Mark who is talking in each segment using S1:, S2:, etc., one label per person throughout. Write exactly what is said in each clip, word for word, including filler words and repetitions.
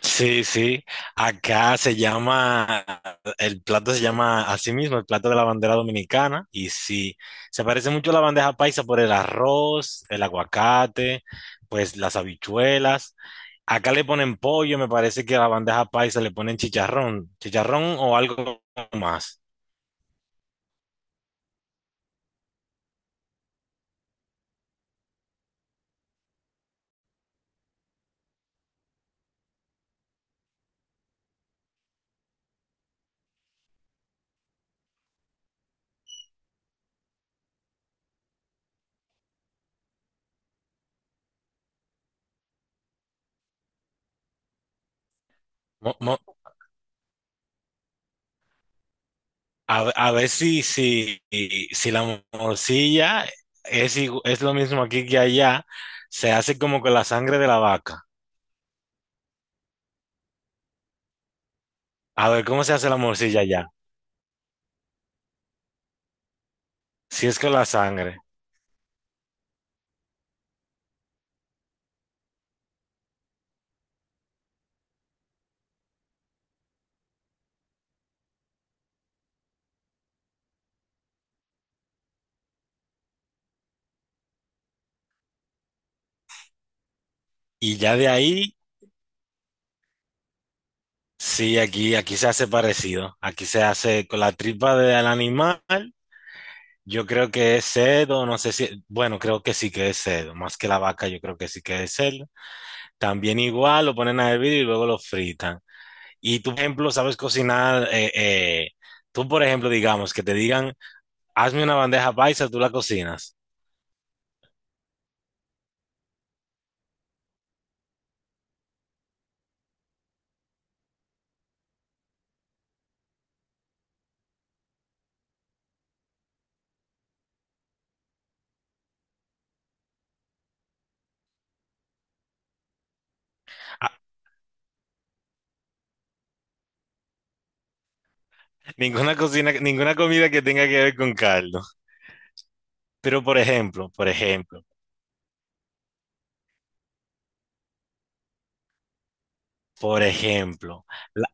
S1: Sí, sí. Acá se llama, el plato se llama así mismo, el plato de la bandera dominicana. Y sí, se parece mucho a la bandeja paisa por el arroz, el aguacate, pues las habichuelas. Acá le ponen pollo, me parece que a la bandeja paisa le ponen chicharrón, chicharrón o algo más. Mo- mo- A, a ver si, si, si la morcilla es, igu- es lo mismo aquí que allá. Se hace como con la sangre de la vaca. A ver, ¿cómo se hace la morcilla ya? Si es con la sangre. Y ya de ahí, sí, aquí, aquí se hace parecido. Aquí se hace con la tripa del animal. Yo creo que es cerdo, no sé si, bueno, creo que sí que es cerdo, más que la vaca, yo creo que sí que es cerdo. También igual lo ponen a hervir y luego lo fritan. Y tú, por ejemplo, sabes cocinar, eh, eh, tú, por ejemplo, digamos, que te digan, hazme una bandeja paisa, tú la cocinas. Ah, ninguna cocina, ninguna comida que tenga que ver con caldo. Pero, por ejemplo, por ejemplo. Por ejemplo, la-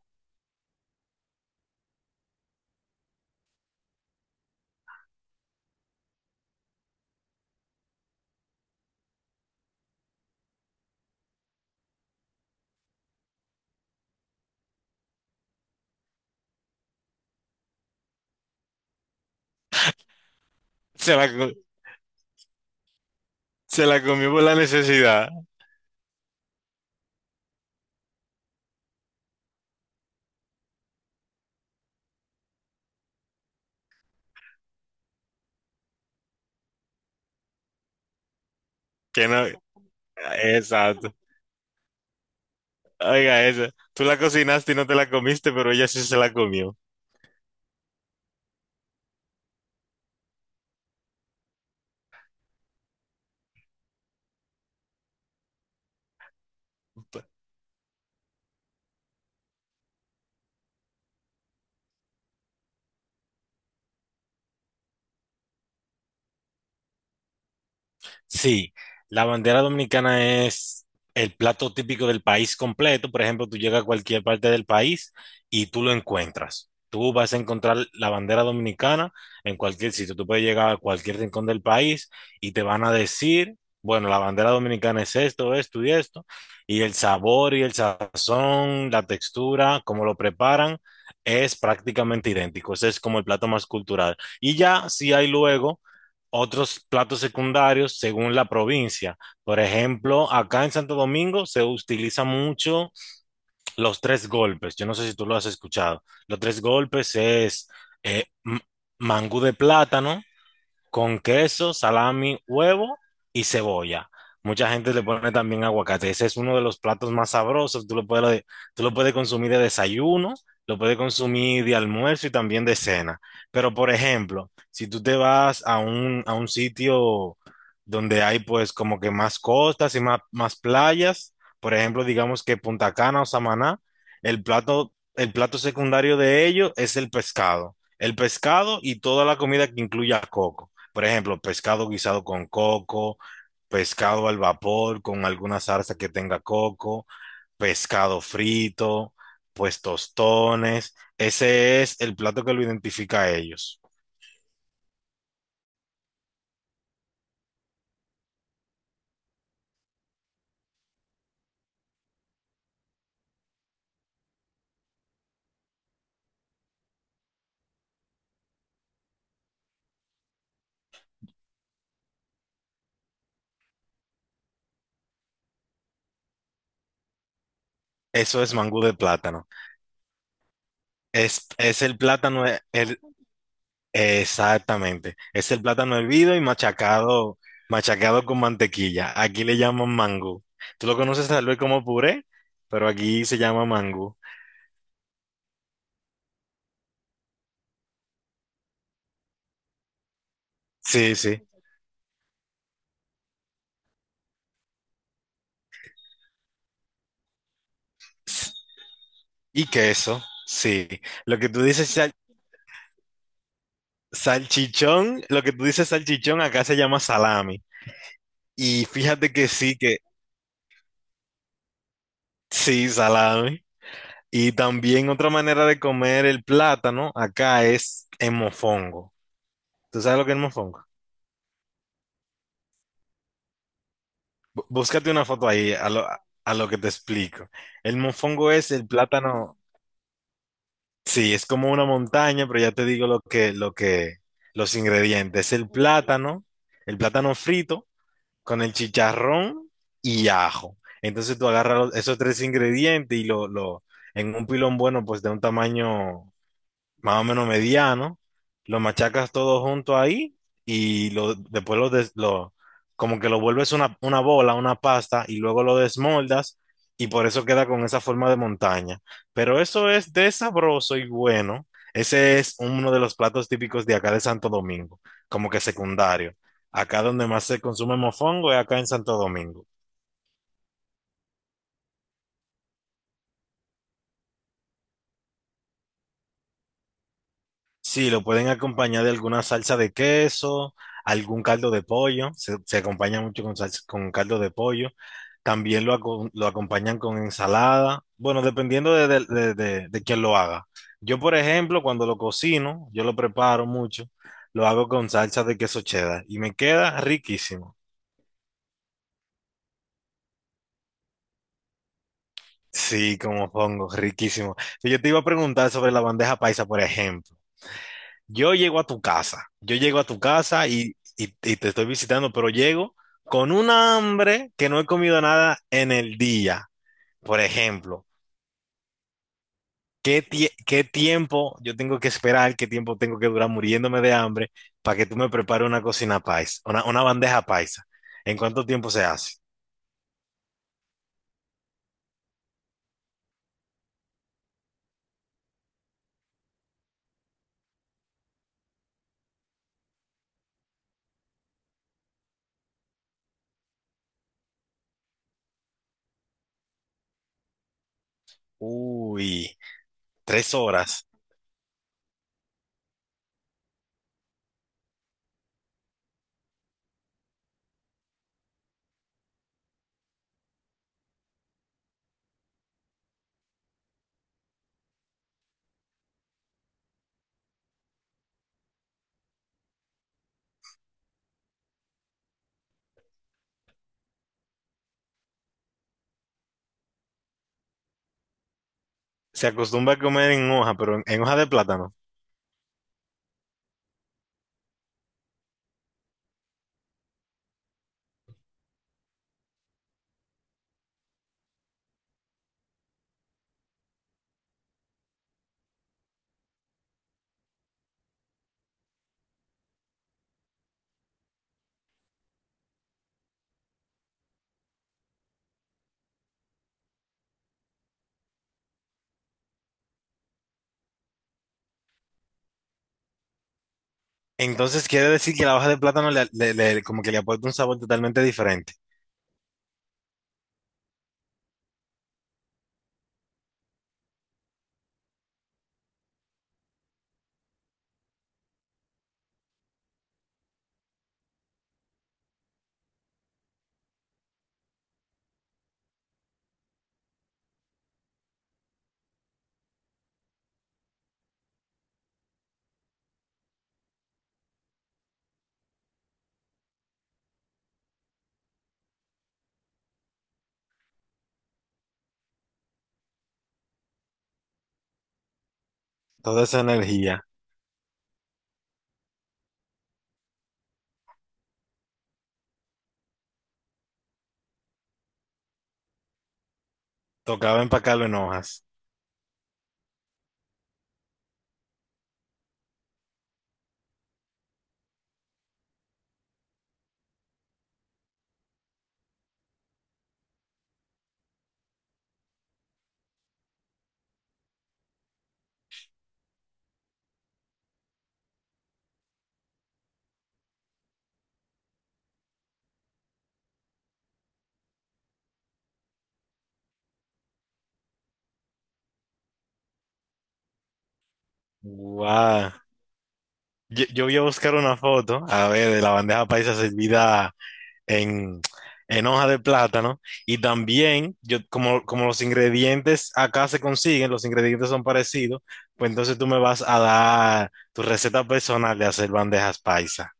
S1: se la, co- se la comió por la necesidad, que no, exacto. Oiga, eso, tú la cocinaste y no te la comiste, pero ella sí se la comió. Sí, la bandera dominicana es el plato típico del país completo. Por ejemplo, tú llegas a cualquier parte del país y tú lo encuentras. Tú vas a encontrar la bandera dominicana en cualquier sitio. Tú puedes llegar a cualquier rincón del país y te van a decir, bueno, la bandera dominicana es esto, esto y esto. Y el sabor y el sazón, la textura, cómo lo preparan, es prácticamente idéntico. Ese es como el plato más cultural. Y ya si hay luego otros platos secundarios según la provincia. Por ejemplo, acá en Santo Domingo se utiliza mucho los tres golpes. Yo no sé si tú lo has escuchado. Los tres golpes es eh, m- mangú de plátano, con queso, salami, huevo y cebolla. Mucha gente le pone también aguacate. Ese es uno de los platos más sabrosos. Tú lo puedes, tú lo puedes consumir de desayuno, lo puedes consumir de almuerzo y también de cena. Pero, por ejemplo, si tú te vas a un, a un sitio donde hay pues como que más costas y más, más playas, por ejemplo, digamos que Punta Cana o Samaná, el plato, el plato secundario de ellos es el pescado. El pescado y toda la comida que incluya coco. Por ejemplo, pescado guisado con coco, pescado al vapor con alguna salsa que tenga coco, pescado frito, pues tostones. Ese es el plato que lo identifica a ellos. Eso es mangú de plátano. Es, es el plátano, he- el- exactamente. Es el plátano hervido y machacado, machacado con mantequilla. Aquí le llaman mangú. Tú lo conoces tal vez como puré, pero aquí se llama mangú. Sí, sí. Y queso, sí. Lo que tú dices sal- salchichón, lo que tú dices salchichón acá se llama salami. Y fíjate que sí, que sí, salami. Y también otra manera de comer el plátano acá es en mofongo. ¿Tú sabes lo que es mofongo? Bú- Búscate una foto ahí a lo, a lo que te explico. El mofongo es el plátano, sí, es como una montaña, pero ya te digo lo que, lo que, los ingredientes. El plátano, el plátano frito con el chicharrón y ajo. Entonces tú agarras los- esos tres ingredientes y lo, lo, en un pilón bueno, pues de un tamaño más o menos mediano, lo machacas todo junto ahí y lo, después lo, des- lo- como que lo vuelves una, una bola, una pasta y luego lo desmoldas y por eso queda con esa forma de montaña. Pero eso es de sabroso y bueno. Ese es uno de los platos típicos de acá de Santo Domingo, como que secundario. Acá donde más se consume mofongo es acá en Santo Domingo. Sí, lo pueden acompañar de alguna salsa de queso, algún caldo de pollo, se, se acompaña mucho con, salsa- con caldo de pollo. También lo, aco- lo acompañan con ensalada, bueno, dependiendo de, de, de- de- de quién lo haga. Yo, por ejemplo, cuando lo cocino, yo lo preparo mucho, lo hago con salsa de queso cheddar y me queda riquísimo. Sí, como pongo, riquísimo. Yo te iba a preguntar sobre la bandeja paisa, por ejemplo. Yo llego a tu casa, yo llego a tu casa y, y- y te estoy visitando, pero llego con una hambre que no he comido nada en el día. Por ejemplo, ¿qué, tie- ¿qué tiempo yo tengo que esperar, qué tiempo tengo que durar muriéndome de hambre para que tú me prepares una cocina paisa, una, una bandeja paisa? ¿En cuánto tiempo se hace? Uy, tres horas. Se acostumbra a comer en hoja, pero en, en hoja de plátano. Entonces quiere decir que la hoja de plátano le, le- le- como que le aporta un sabor totalmente diferente. Toda esa energía. Tocaba empacarlo en hojas. Guau. Yo, yo voy a buscar una foto, a ver, de la bandeja paisa servida en, en hoja de plátano. Y también, yo, como, como los ingredientes acá se consiguen, los ingredientes son parecidos, pues entonces tú me vas a dar tu receta personal de hacer bandejas paisa.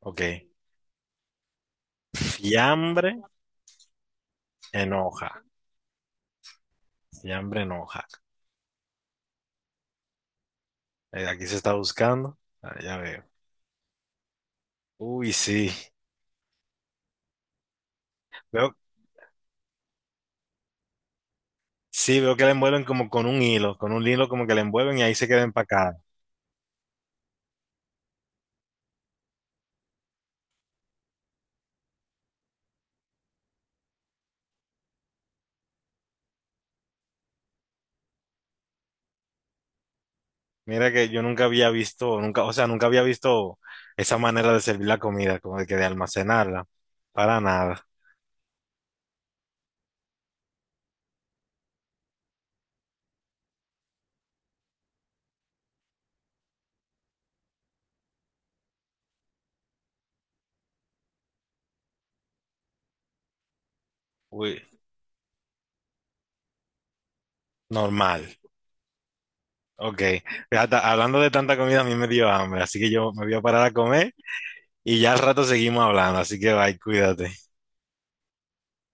S1: Ok. Fiambre en hoja. Fiambre en hoja. Eh, aquí se está buscando. Ah, ya veo. Uy, sí. Veo, sí, veo que la envuelven como con un hilo, con un hilo como que la envuelven y ahí se queda empacada. Mira que yo nunca había visto, nunca, o sea, nunca había visto esa manera de servir la comida, como de que de almacenarla, para nada. Uy, normal. Ok. Hasta- hablando de tanta comida, a mí me dio hambre, así que yo me voy a parar a comer y ya al rato seguimos hablando, así que bye, cuídate.